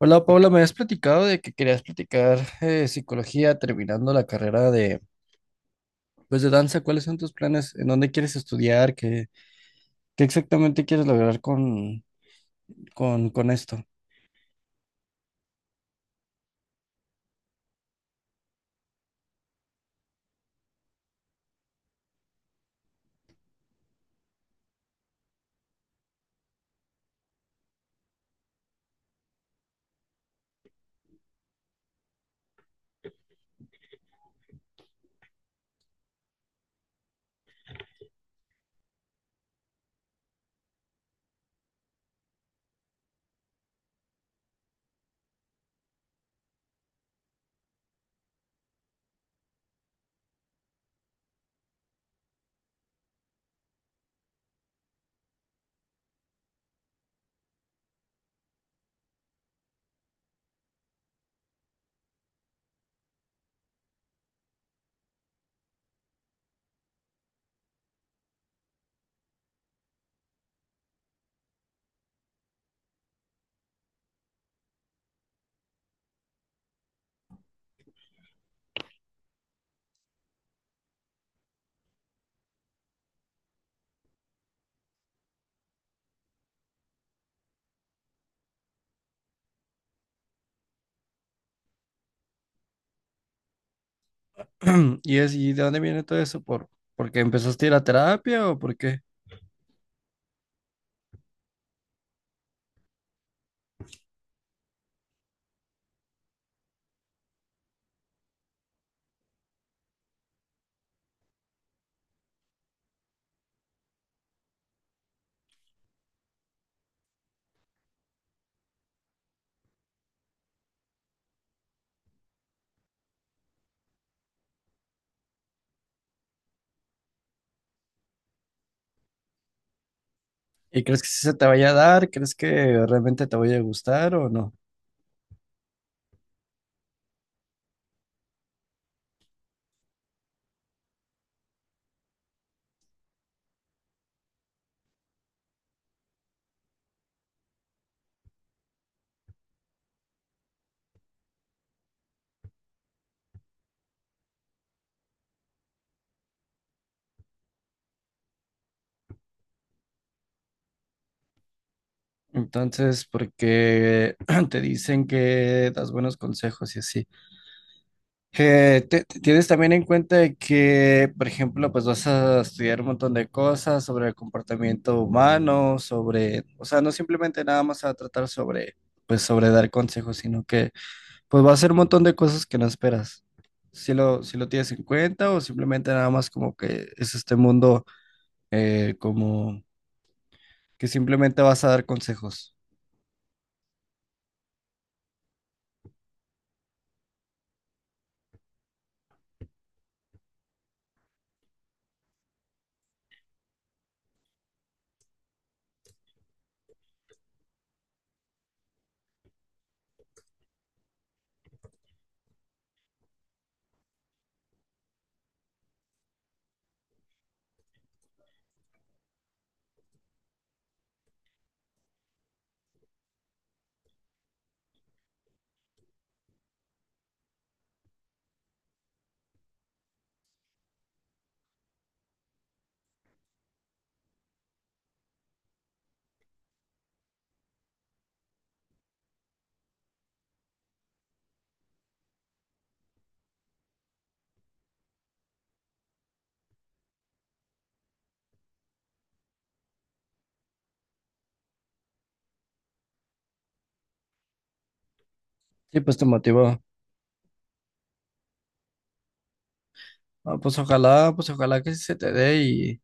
Hola Paula, me habías platicado de que querías platicar psicología terminando la carrera pues de danza. ¿Cuáles son tus planes? ¿En dónde quieres estudiar? ¿Qué exactamente quieres lograr con, con esto? ¿Y de dónde viene todo eso? ¿Porque empezaste a ir a terapia o por qué? ¿Y crees que sí se te vaya a dar? ¿Crees que realmente te vaya a gustar o no? Entonces, porque te dicen que das buenos consejos y así. Tienes también en cuenta de que, por ejemplo, pues vas a estudiar un montón de cosas sobre el comportamiento humano, sobre, o sea, no simplemente nada más a tratar pues sobre dar consejos, sino que pues va a ser un montón de cosas que no esperas. Si lo tienes en cuenta o simplemente nada más como que es este mundo, como que simplemente vas a dar consejos. Sí, pues te motivó. Ah, pues ojalá que sí se te dé.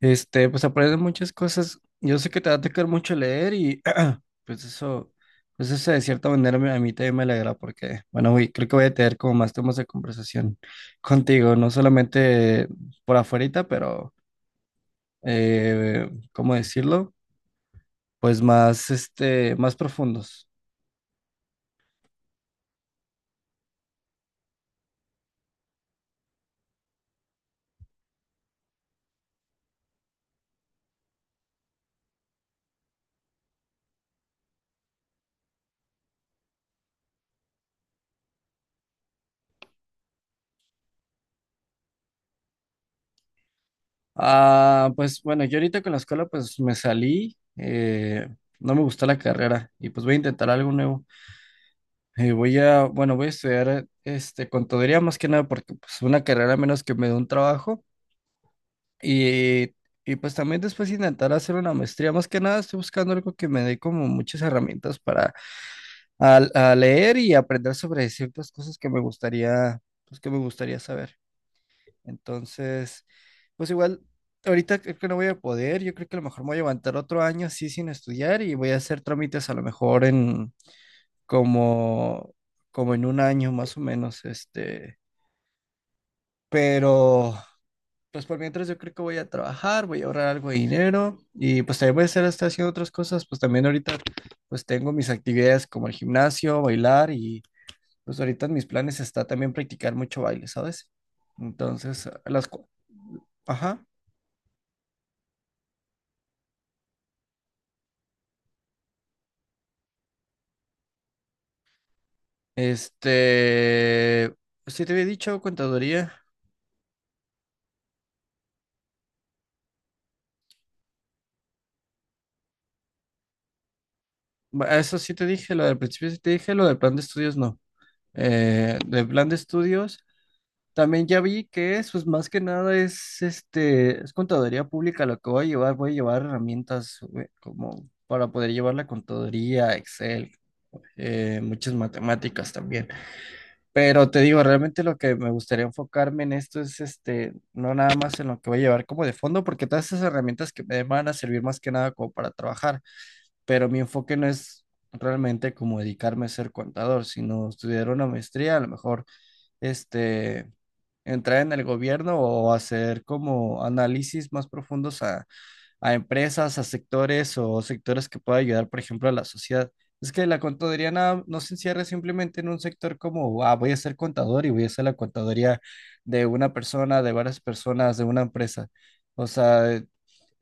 Este, pues aprendes muchas cosas. Yo sé que te va a tocar mucho leer y pues eso, pues eso de cierta manera a mí también me alegra porque, bueno, güey, creo que voy a tener como más temas de conversación contigo, no solamente por afuerita, pero, ¿cómo decirlo? Pues más, este, más profundos. Ah, pues bueno, yo ahorita con la escuela pues me salí, no me gustó la carrera y pues voy a intentar algo nuevo. Bueno, voy a estudiar este, contaduría más que nada porque pues una carrera menos que me dé un trabajo y, y pues también después intentar hacer una maestría. Más que nada estoy buscando algo que me dé como muchas herramientas para leer y aprender sobre ciertas cosas que me gustaría, pues que me gustaría saber. Entonces, pues igual, ahorita creo que no voy a poder. Yo creo que a lo mejor me voy a levantar otro año así sin estudiar y voy a hacer trámites a lo mejor en como, como en un año más o menos, este, pero pues por mientras yo creo que voy a trabajar, voy a ahorrar algo de dinero y pues también voy a estar hasta haciendo otras cosas, pues también ahorita pues tengo mis actividades como el gimnasio, bailar y pues ahorita en mis planes está también practicar mucho baile, ¿sabes? Entonces, ajá, este, pues, sí te había dicho contaduría. Eso sí te dije, lo del principio sí te dije, lo del plan de estudios no. Del plan de estudios. También ya vi que es, pues más que nada es este, es contaduría pública lo que voy a llevar herramientas, como para poder llevar la contaduría, Excel, muchas matemáticas también. Pero te digo, realmente lo que me gustaría enfocarme en esto es este, no nada más en lo que voy a llevar como de fondo, porque todas esas herramientas que me den van a servir más que nada como para trabajar, pero mi enfoque no es realmente como dedicarme a ser contador, sino estudiar una maestría, a lo mejor este entrar en el gobierno o hacer como análisis más profundos a, empresas, a sectores o sectores que pueda ayudar, por ejemplo, a la sociedad. Es que la contaduría no, no se encierra simplemente en un sector como, ah, voy a ser contador y voy a hacer la contaduría de una persona, de varias personas, de una empresa. O sea,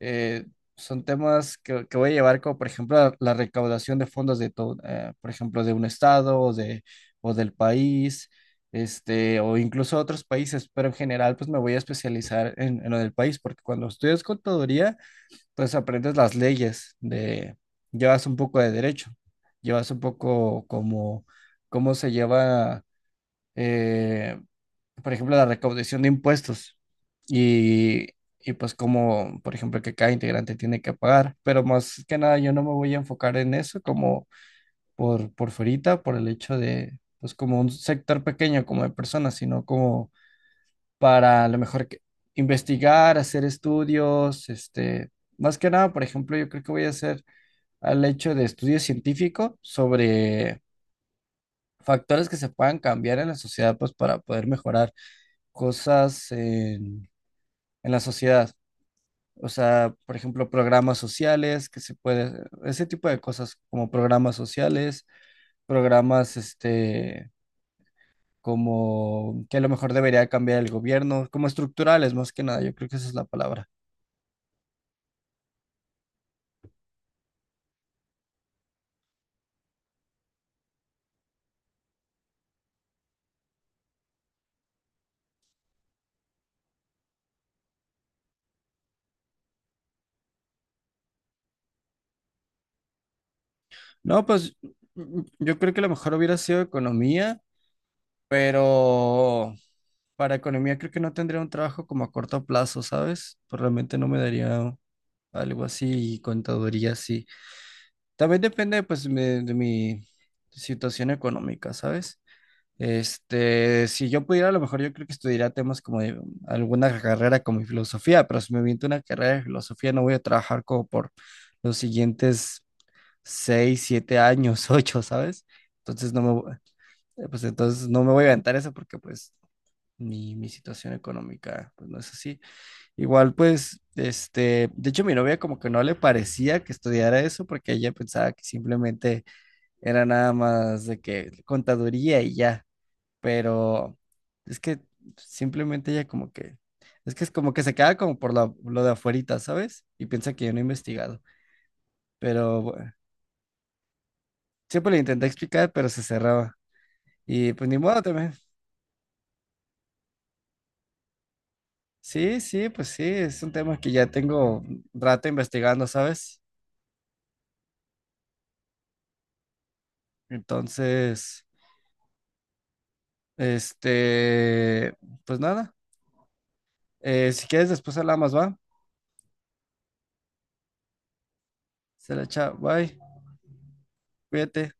eh, son temas que voy a llevar como, por ejemplo, la recaudación de fondos de todo, por ejemplo, de un estado o de, o del país, este, o incluso otros países, pero en general, pues me voy a especializar en lo del país, porque cuando estudias contaduría, entonces aprendes las leyes de, llevas un poco de derecho, llevas un poco como cómo se lleva, eh, por ejemplo, la recaudación de impuestos y, y pues como, por ejemplo, que cada integrante tiene que pagar. Pero más que nada yo no me voy a enfocar en eso como por fuerita, por el hecho de, pues como un sector pequeño como de personas, sino como para a lo mejor investigar, hacer estudios, este, más que nada, por ejemplo, yo creo que voy a hacer al hecho de estudio científico sobre factores que se puedan cambiar en la sociedad, pues para poder mejorar cosas en la sociedad. O sea, por ejemplo, programas sociales que se puede, ese tipo de cosas como programas sociales, programas, este, como que a lo mejor debería cambiar el gobierno, como estructurales más que nada, yo creo que esa es la palabra. No, pues yo creo que a lo mejor hubiera sido economía, pero para economía creo que no tendría un trabajo como a corto plazo, ¿sabes? Pues realmente no me daría algo así y contaduría así. También depende pues de mi situación económica, ¿sabes? Este, si yo pudiera, a lo mejor yo creo que estudiaría temas como de alguna carrera como filosofía, pero si me viento una carrera de filosofía no voy a trabajar como por los siguientes seis, siete años, ocho, ¿sabes? Entonces no me, vo- pues entonces no me voy a aventar eso porque pues mi situación económica pues no es así. Igual pues, este, de hecho mi novia como que no le parecía que estudiara eso porque ella pensaba que simplemente era nada más de que contaduría y ya, pero es que simplemente ella como que es como que se queda como por lo de afuerita, ¿sabes? Y piensa que yo no he investigado, pero bueno, siempre le intenté explicar, pero se cerraba. Y pues ni modo también. Sí, sí, pues sí, es un tema que ya tengo un rato investigando, ¿sabes? Entonces, este, pues nada. Si quieres, después hablamos, ¿va? Se la echa, bye, cuídate.